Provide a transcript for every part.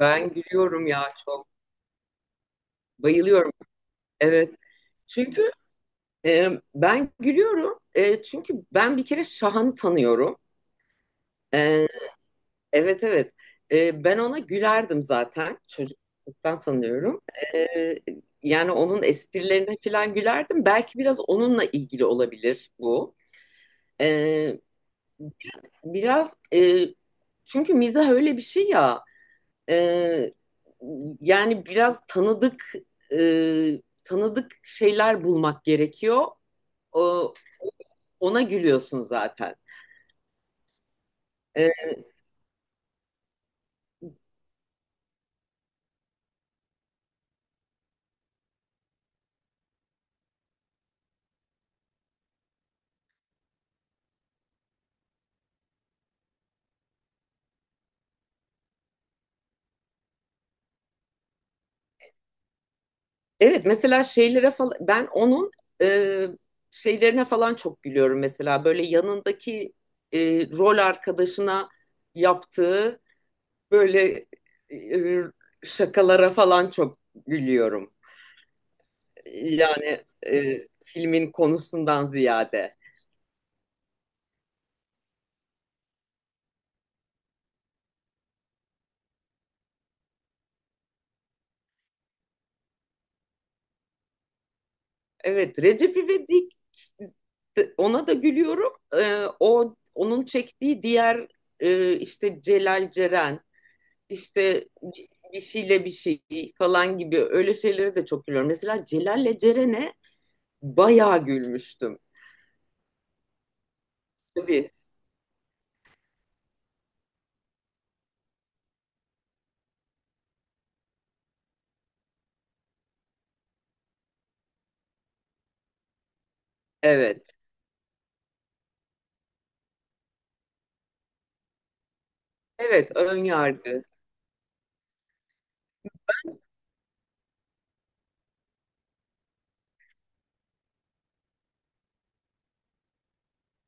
Ben gülüyorum ya çok. Bayılıyorum. Evet. Çünkü ben gülüyorum. Çünkü ben bir kere Şahan'ı tanıyorum. E, evet, evet. Ben ona gülerdim zaten. Çocukluktan tanıyorum. E, Yani onun esprilerine falan gülerdim. Belki biraz onunla ilgili olabilir bu. E, Biraz çünkü mizah öyle bir şey ya. Ee, Yani biraz tanıdık şeyler bulmak gerekiyor. O- Ona gülüyorsun zaten. Ee, evet, mesela şeylere falan ben onun e, şeylerine falan çok gülüyorum, mesela böyle yanındaki e, rol arkadaşına yaptığı böyle e, şakalara falan çok gülüyorum. Yani filmin konusundan ziyade. Evet, Recep İvedik, ona da gülüyorum. O, onun çektiği diğer, işte Celal Ceren işte bir şeyle bir şey falan gibi öyle şeylere de çok gülüyorum. Mesela Celal'le Ceren'e bayağı gülmüştüm. Tabii. Evet. Evet, ön yargı.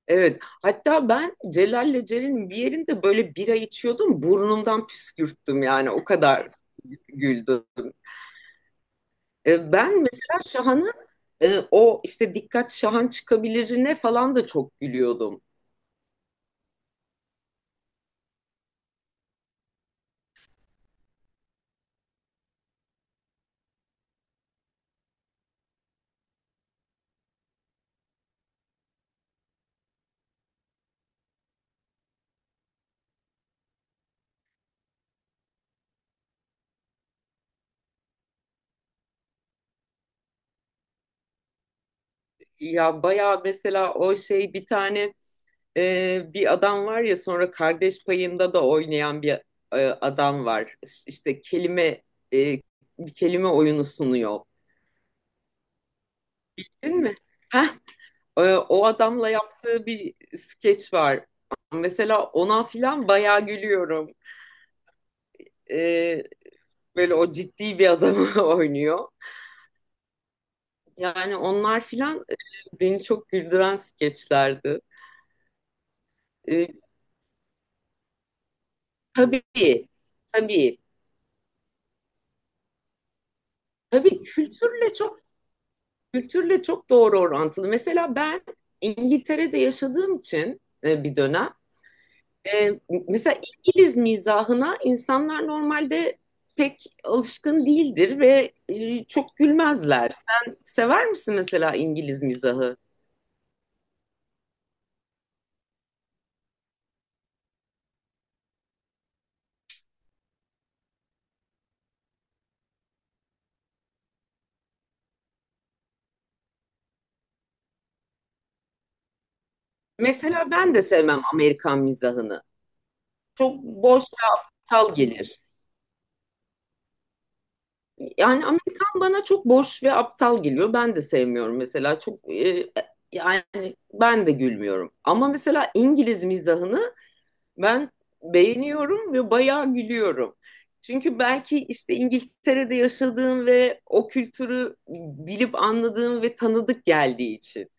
Evet. Hatta ben Celal'le Ceren'in bir yerinde böyle bira içiyordum. Burnumdan püskürttüm, yani o kadar güldüm. Ben mesela Şahan'ın, o işte dikkat Şahan çıkabilirine falan da çok gülüyordum. Ya bayağı, mesela o şey, bir tane, bir adam var ya, sonra Kardeş Payı'nda da oynayan bir adam var. İşte e, bir kelime oyunu sunuyor. Değil mi? Heh, O adamla yaptığı bir skeç var. Mesela ona filan bayağı gülüyorum. E, Böyle o ciddi bir adamı oynuyor. Yani onlar filan, beni çok güldüren skeçlerdi. Ee, tabii, tabii, tabii, kültürle kültürle çok doğru orantılı. Mesela ben İngiltere'de yaşadığım için, bir dönem e, mesela İngiliz mizahına insanlar normalde pek alışkın değildir ve çok gülmezler. Sen sever misin mesela İngiliz mizahı? Mesela ben de sevmem Amerikan mizahını. Çok boş ve aptal gelir. Yani Amerikan bana çok boş ve aptal geliyor. Ben de sevmiyorum mesela. Çok yani ben de gülmüyorum. Ama mesela İngiliz mizahını ben beğeniyorum ve bayağı gülüyorum. Çünkü belki işte İngiltere'de yaşadığım ve o kültürü bilip anladığım ve tanıdık geldiği için.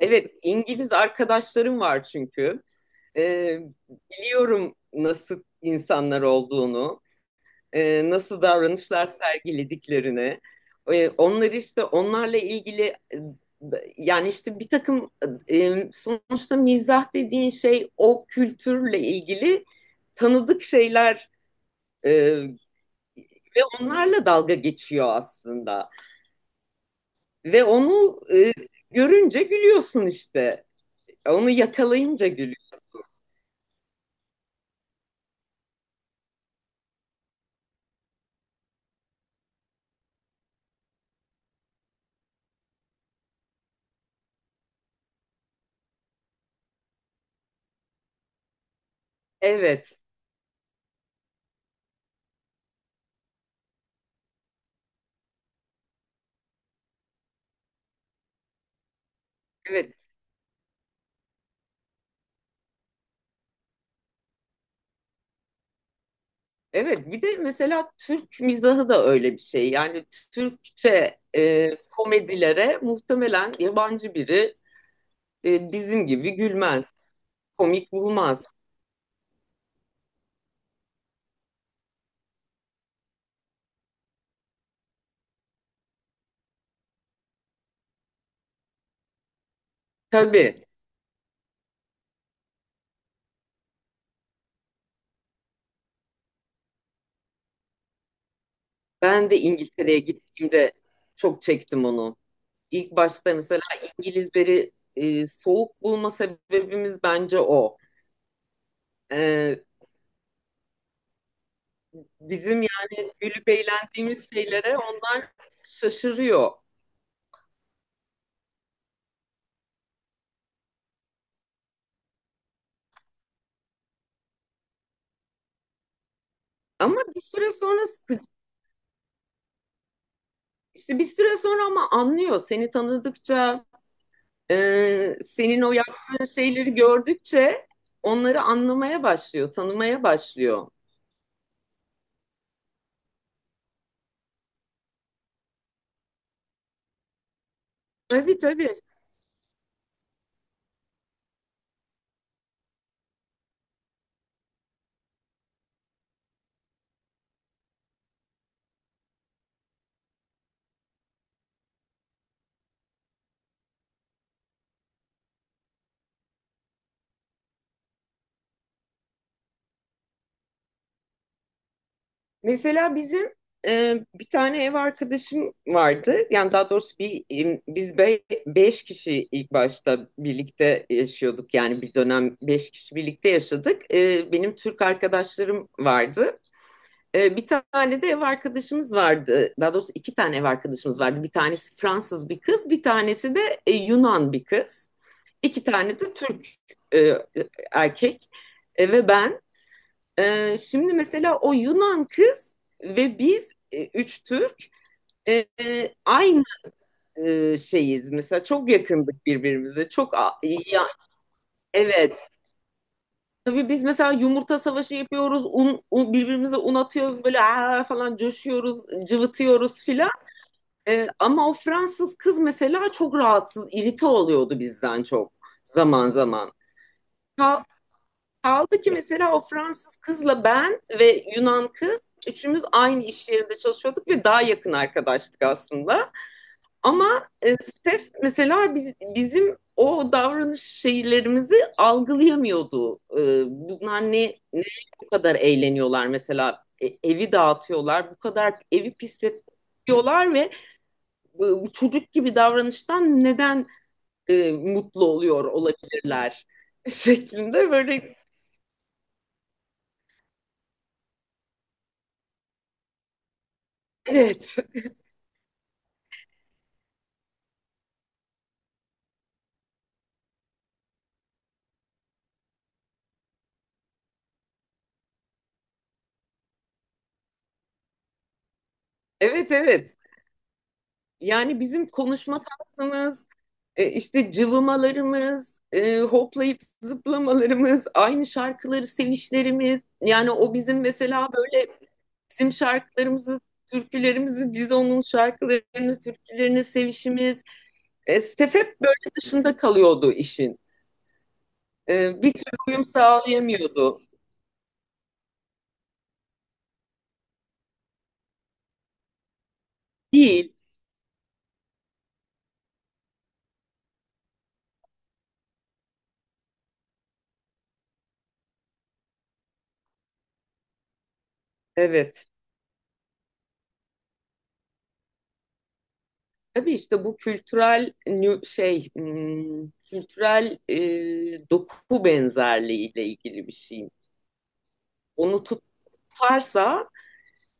Evet, İngiliz arkadaşlarım var çünkü. Ee, Biliyorum nasıl insanlar olduğunu, nasıl davranışlar sergilediklerini. Onları, işte onlarla ilgili e, yani işte bir takım, sonuçta mizah dediğin şey o kültürle ilgili tanıdık şeyler e, ve onlarla dalga geçiyor aslında. Ve onu görünce gülüyorsun işte. Onu yakalayınca gülüyorsun. Evet, evet, evet. Bir de mesela Türk mizahı da öyle bir şey. Yani Türkçe komedilere muhtemelen yabancı biri bizim gibi gülmez, komik bulmaz. Tabii ben de İngiltere'ye gittiğimde çok çektim onu. İlk başta mesela İngilizleri soğuk bulma sebebimiz bence o. E, Bizim yani gülüp eğlendiğimiz şeylere onlar şaşırıyor. Ama bir süre sonra işte bir süre sonra ama anlıyor seni tanıdıkça, senin o yaptığın şeyleri gördükçe onları anlamaya başlıyor, tanımaya başlıyor. Tabii, tabii. Mesela bizim, bir tane ev arkadaşım vardı. Yani daha doğrusu bir biz beş kişi ilk başta birlikte yaşıyorduk. Yani bir dönem beş kişi birlikte yaşadık. E, benim Türk arkadaşlarım vardı. Bir tane de ev arkadaşımız vardı. Daha doğrusu iki tane ev arkadaşımız vardı. Bir tanesi Fransız bir kız, bir tanesi de Yunan bir kız. İki tane de Türk e, erkek, E, ve ben. Şimdi mesela o Yunan kız ve biz üç Türk, aynı şeyiz. Mesela çok yakındık birbirimize. Ya, evet. Tabii biz mesela yumurta savaşı yapıyoruz. Birbirimize un atıyoruz, böyle "Aa!" falan, coşuyoruz, cıvıtıyoruz filan. Ama o Fransız kız mesela çok rahatsız, irite oluyordu bizden çok zaman zaman. Kal- Kaldı ki mesela o Fransız kızla ben ve Yunan kız üçümüz aynı iş yerinde çalışıyorduk ve daha yakın arkadaştık aslında. Ama Steph mesela bizim o davranış şeylerimizi algılayamıyordu. Bunlar ne bu kadar eğleniyorlar mesela, E, evi dağıtıyorlar, bu kadar evi pisletiyorlar ve bu çocuk gibi davranıştan neden mutlu oluyor olabilirler şeklinde böyle, evet, evet, evet. Yani bizim konuşma tarzımız, işte cıvımalarımız, hoplayıp zıplamalarımız, aynı şarkıları sevişlerimiz, yani o bizim mesela böyle bizim şarkılarımızı, türkülerimizi, biz onun şarkılarını, türkülerini sevişimiz, Stef hep böyle dışında kalıyordu işin, bir türlü uyum sağlayamıyordu. Değil. Evet. Tabii işte bu kültürel hmm, kültürel doku benzerliğiyle ilgili bir şey. Onu tutarsa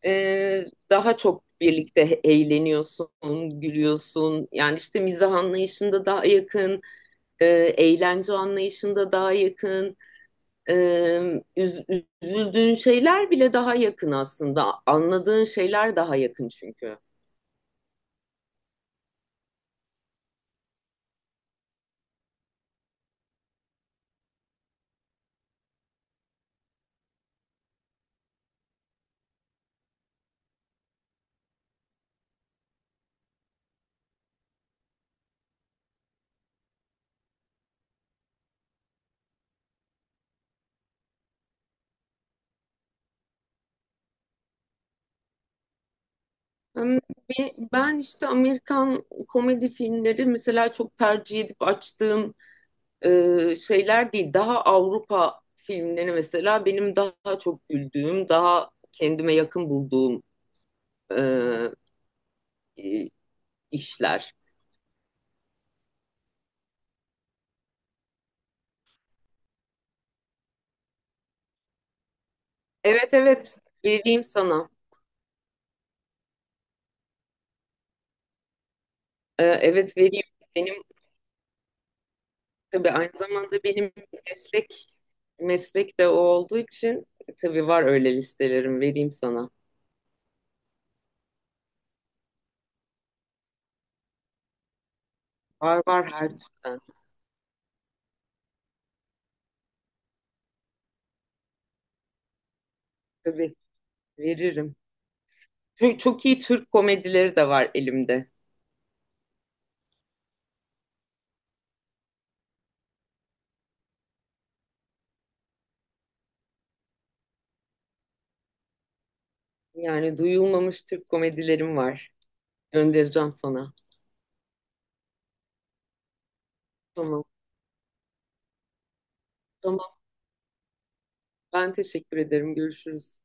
daha çok birlikte eğleniyorsun, gülüyorsun. Yani işte mizah anlayışında daha yakın, e, eğlence anlayışında daha yakın. E, Üzüldüğün şeyler bile daha yakın aslında. Anladığın şeyler daha yakın çünkü. Em, Ben işte Amerikan komedi filmleri mesela çok tercih edip açtığım şeyler değil. Daha Avrupa filmleri mesela benim daha çok güldüğüm, daha kendime yakın bulduğum e, e, işler. Evet, vereyim sana. Evet, vereyim. Benim, tabii aynı zamanda benim meslek meslek de o olduğu için tabii var öyle listelerim, vereyim sana. Var, var, her türden. Tabii veririm. Çok iyi Türk komedileri de var elimde. Yani duyulmamış Türk komedilerim var. Göndereceğim sana. Tamam. Tamam. Ben teşekkür ederim. Görüşürüz.